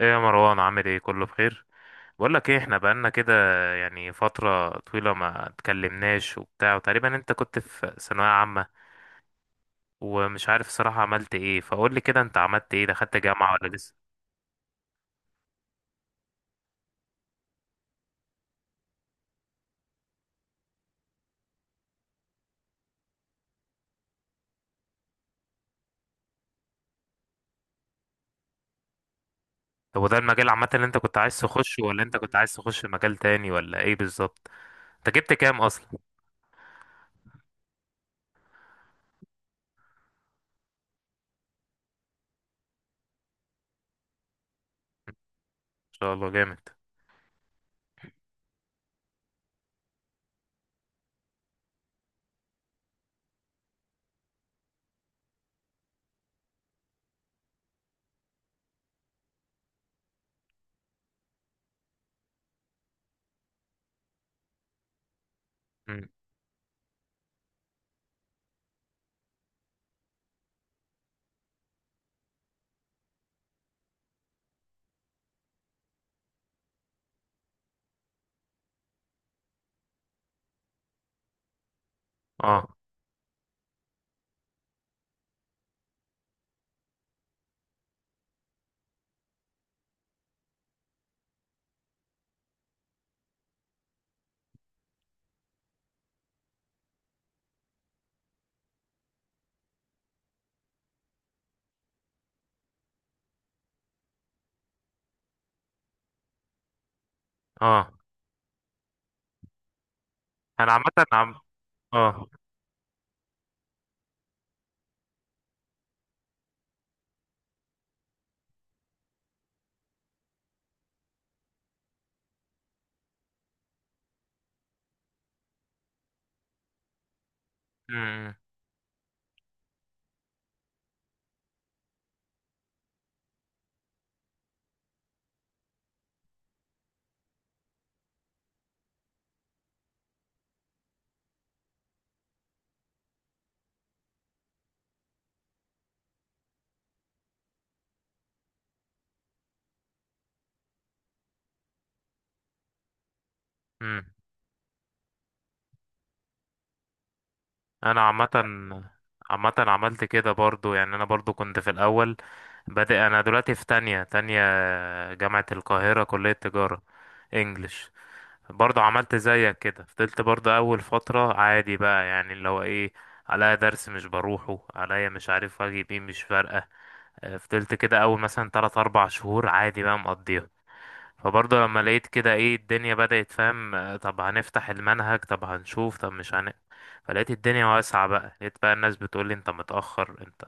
ايه يا مروان، عامل ايه؟ كله بخير. بقول لك ايه، احنا بقالنا كده يعني فترة طويلة ما اتكلمناش وبتاع. وتقريبا انت كنت في ثانوية عامة ومش عارف صراحة عملت ايه، فقول لي كده، انت عملت ايه؟ دخلت جامعة ولا لسه؟ طب وده المجال عامة اللي انت كنت عايز تخشه، ولا انت كنت عايز تخش مجال تاني، ولا ايه بالظبط؟ انت جبت كام اصلا؟ ما شاء الله، جامد. مم. اه. اه. انا عامة. عم. اه. مم. مم. انا عامه. عامه عملت كده برضو، يعني انا برضو كنت في الاول بادئ. انا دلوقتي في تانية تانية، جامعه القاهره، كليه تجاره، انجلش. برضو عملت زيك كده، فضلت برضو اول فتره عادي بقى، يعني اللي هو ايه، عليا درس مش بروحه، عليا مش عارف واجب ايه، مش فارقه. فضلت كده اول مثلا 3 4 شهور عادي بقى مقضيها. فبرضه لما لقيت كده ايه الدنيا بدأت، فاهم؟ طب هنفتح المنهج، طب هنشوف، طب مش هن فلقيت الدنيا واسعة بقى. لقيت بقى الناس بتقولي انت متأخر، انت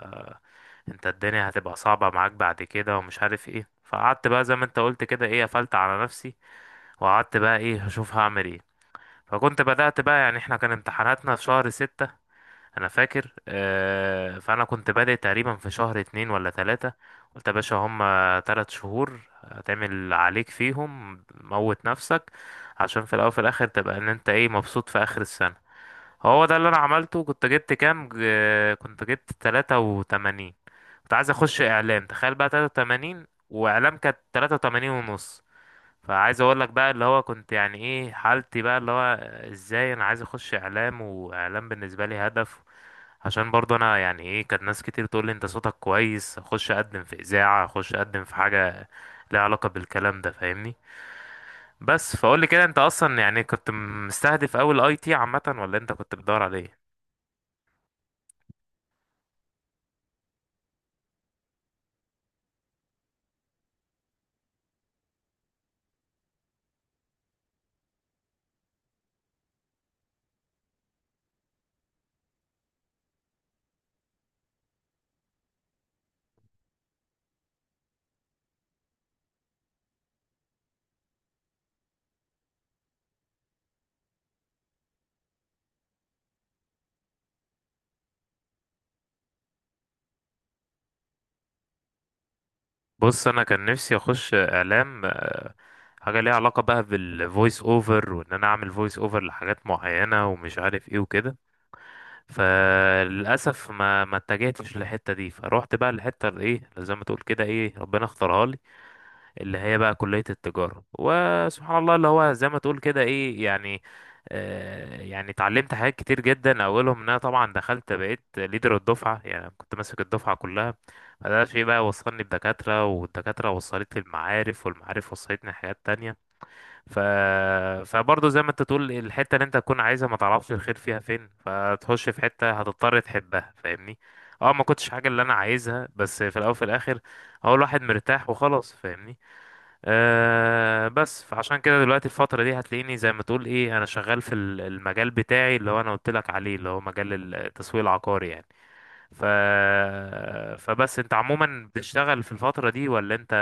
انت الدنيا هتبقى صعبة معاك بعد كده، ومش عارف ايه. فقعدت بقى زي ما انت قلت كده، ايه، قفلت على نفسي وقعدت بقى ايه هشوف هعمل ايه. فكنت بدأت بقى يعني، احنا كان امتحاناتنا في شهر 6، انا فاكر. فانا كنت بادئ تقريبا في شهر 2 ولا 3. قلت يا باشا، هما 3 شهور هتعمل اللي عليك فيهم، موت نفسك عشان في الاول وفي الاخر تبقى ان انت ايه مبسوط في اخر السنة. هو ده اللي انا عملته. كنت جبت كام كنت جبت 83. كنت عايز اخش اعلام، تخيل بقى، 83، واعلام كانت تلاتة وتمانين ونص. فعايز اقول لك بقى اللي هو كنت يعني ايه حالتي بقى، اللي هو ازاي انا عايز اخش اعلام واعلام بالنسبه لي هدف. عشان برضه انا يعني ايه، كانت ناس كتير تقول لي انت صوتك كويس، اخش اقدم في اذاعه، اخش اقدم في حاجه ليها علاقه بالكلام ده، فاهمني؟ بس فقول لي كده، انت اصلا يعني كنت مستهدف اول اي تي عامه، ولا انت كنت بتدور على ايه؟ بص، انا كان نفسي اخش اعلام، حاجه ليها علاقه بقى بالفويس اوفر، وان انا اعمل فويس اوفر لحاجات معينه ومش عارف ايه وكده. فللاسف ما اتجهتش للحته دي، فروحت بقى للحته اللي ايه، اللي زي ما تقول كده ايه، ربنا اختارها لي، اللي هي بقى كليه التجاره. وسبحان الله، اللي هو زي ما تقول كده ايه يعني، آه، يعني اتعلمت حاجات كتير جدا. اولهم ان انا طبعا دخلت بقيت ليدر الدفعه، يعني كنت ماسك الدفعه كلها. فده شيء بقى وصلني بدكاتره، والدكاتره وصلت لي المعارف، والمعارف وصلتني حاجات تانية. ف... فبرضه زي ما انت تقول، الحتة اللي انت تكون عايزها ما تعرفش الخير فيها فين، فتخش في حتة هتضطر تحبها، فاهمني؟ اه، ما كنتش حاجة اللي انا عايزها، بس في الاول وفي الاخر هو الواحد مرتاح وخلاص، فاهمني؟ آه، بس فعشان كده دلوقتي الفترة دي هتلاقيني زي ما تقول ايه، انا شغال في المجال بتاعي اللي هو انا قلت لك عليه، اللي هو مجال التسويق العقاري يعني. ف... فبس انت عموما بتشتغل في الفترة دي، ولا انت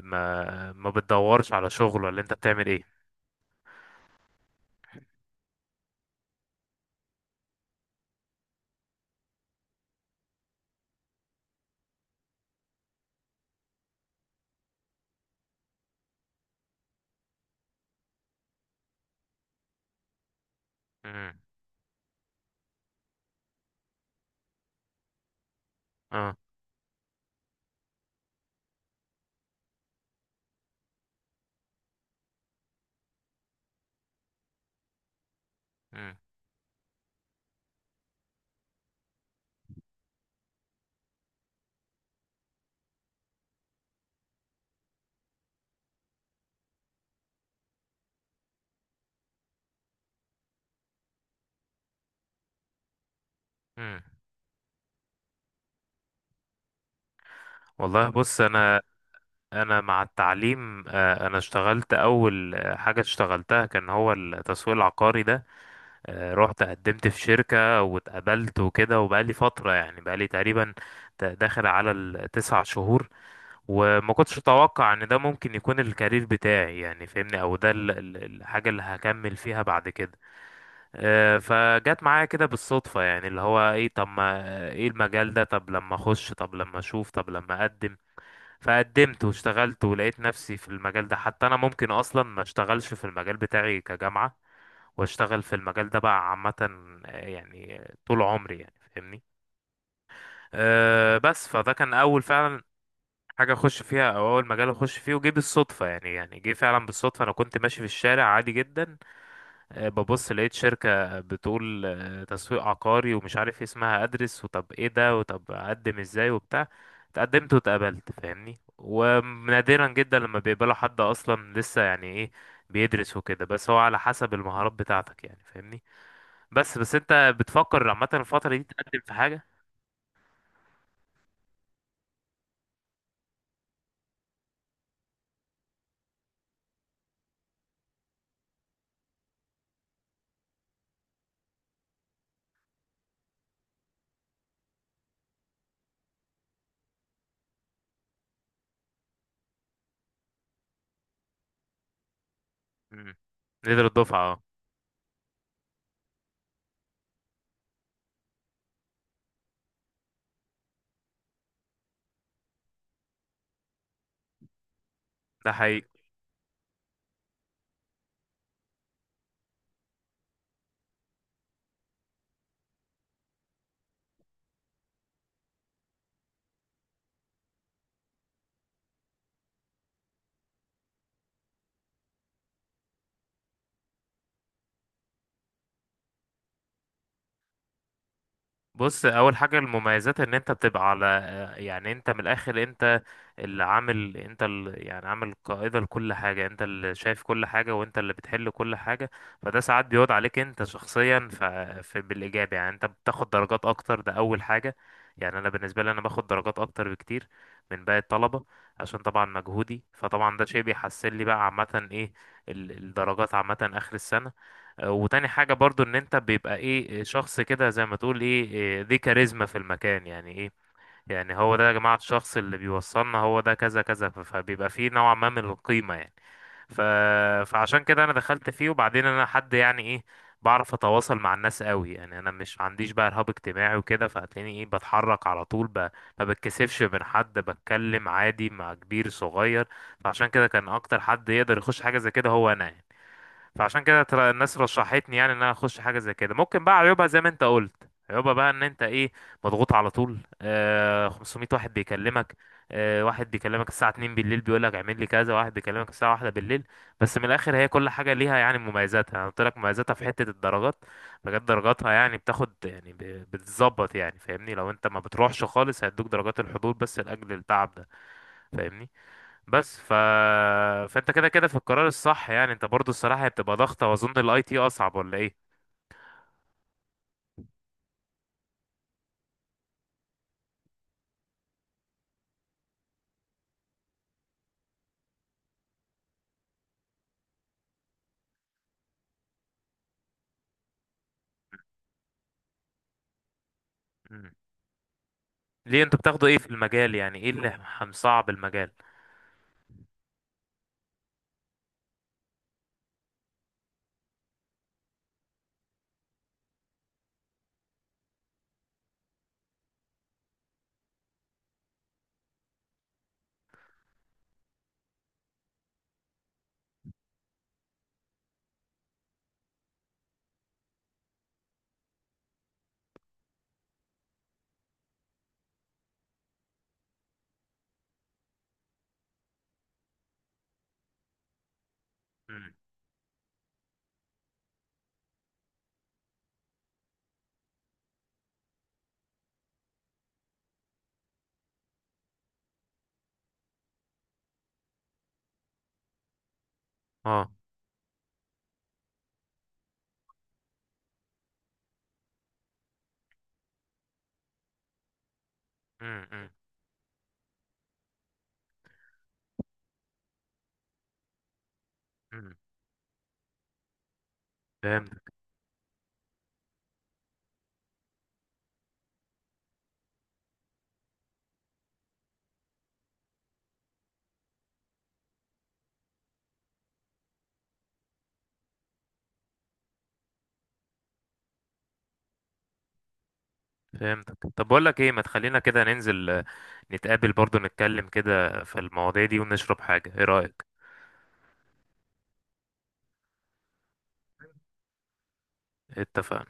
ما بتدورش على شغل، ولا انت بتعمل ايه؟ اه. مم. مم. والله بص، انا مع التعليم آه، انا اشتغلت اول آه، حاجه اشتغلتها كان هو التسويق العقاري ده. آه، رحت قدمت في شركه واتقبلت وكده، وبقالي فتره يعني، بقالي تقريبا داخل على التسع شهور. وما كنتش اتوقع ان ده ممكن يكون الكارير بتاعي يعني، فاهمني؟ او ده الحاجه اللي هكمل فيها بعد كده. آه، فجت معايا كده بالصدفة، يعني اللي هو ايه، طب ما ايه المجال ده، طب لما اخش، طب لما اشوف، طب لما اقدم. فقدمت واشتغلت ولقيت نفسي في المجال ده، حتى انا ممكن اصلا ما اشتغلش في المجال بتاعي كجامعة واشتغل في المجال ده بقى عامة، آه، يعني آه، طول عمري يعني، فاهمني؟ أه، بس فده كان اول فعلا حاجة اخش فيها، او اول مجال اخش فيه وجه بالصدفة يعني. يعني جه فعلا بالصدفة، انا كنت ماشي في الشارع عادي جدا، آه، ببص لقيت شركة بتقول آه، تسويق عقاري ومش عارف إيه اسمها، ادرس وطب ايه ده وطب اقدم ازاي وبتاع. اتقدمت واتقبلت، فاهمني؟ ونادرا جدا لما بيقبلوا حد اصلا لسه يعني ايه بيدرس وكده، بس هو على حسب المهارات بتاعتك يعني، فاهمني؟ بس انت بتفكر عامة الفترة دي تقدم في حاجة؟ مم. نقدر الدفعة اه. ده حقيقي. بص، اول حاجه المميزات ان انت بتبقى على آه، يعني انت من الاخر انت اللي عامل، انت اللي يعني عامل قائده لكل حاجه، انت اللي شايف كل حاجه، وانت اللي بتحل كل حاجه. فده ساعات بيعود عليك انت شخصيا في بالايجاب، يعني انت بتاخد درجات اكتر، ده اول حاجه. يعني انا بالنسبه لي انا باخد درجات اكتر بكتير من باقي الطلبه، عشان طبعا مجهودي. فطبعا ده شيء بيحسن لي بقى عامه ايه، الدرجات عامه اخر السنه. وتاني حاجة برضو ان انت بيبقى ايه آه، شخص كده زي ما تقول ايه، إيه، ذي كاريزما في المكان يعني. ايه يعني، هو ده يا جماعة الشخص اللي بيوصلنا، هو ده كذا كذا فبيبقى فيه نوع ما من القيمة يعني. ف... فعشان كده انا دخلت فيه. وبعدين انا حد يعني ايه بعرف اتواصل مع الناس قوي، يعني انا مش عنديش بقى ارهاب اجتماعي وكده، فهتلاقيني ايه بتحرك على طول ما بتكسفش من حد، بتكلم عادي مع كبير صغير. فعشان كده كان اكتر حد يقدر يخش حاجة زي كده هو انا يعني. فعشان كده ترى الناس رشحتني يعني ان انا اخش حاجه زي كده. ممكن بقى عيوبها، زي ما انت قلت، عيوبها بقى ان انت ايه، مضغوط على طول، آه 500 واحد بيكلمك، آه واحد بيكلمك الساعه 2 بالليل بيقول لك اعمل لي كذا، واحد بيكلمك الساعه 1 بالليل. بس من الاخر هي كل حاجه ليها يعني مميزاتها، انا قلت لك مميزاتها في حته الدرجات. بجد درجاتها يعني بتاخد يعني بتتظبط يعني، فاهمني؟ لو انت ما بتروحش خالص هيدوك درجات الحضور بس لاجل التعب ده، فاهمني؟ بس ف... فانت كده كده في القرار الصح يعني. انت برضو الصراحة هي بتبقى ضغطة، واظن الاي تي اصعب ولا ايه؟ مم. ليه انتوا بتاخدوا ايه في المجال؟ يعني ايه اللي مصعب المجال؟ مم. اه. مم. مم. مم. فهمت. فهمتك. طب بقول لك ايه، ما تخلينا كده ننزل آه، نتقابل برضو نتكلم كده في المواضيع دي ونشرب حاجة، ايه رأيك؟ اتفقنا.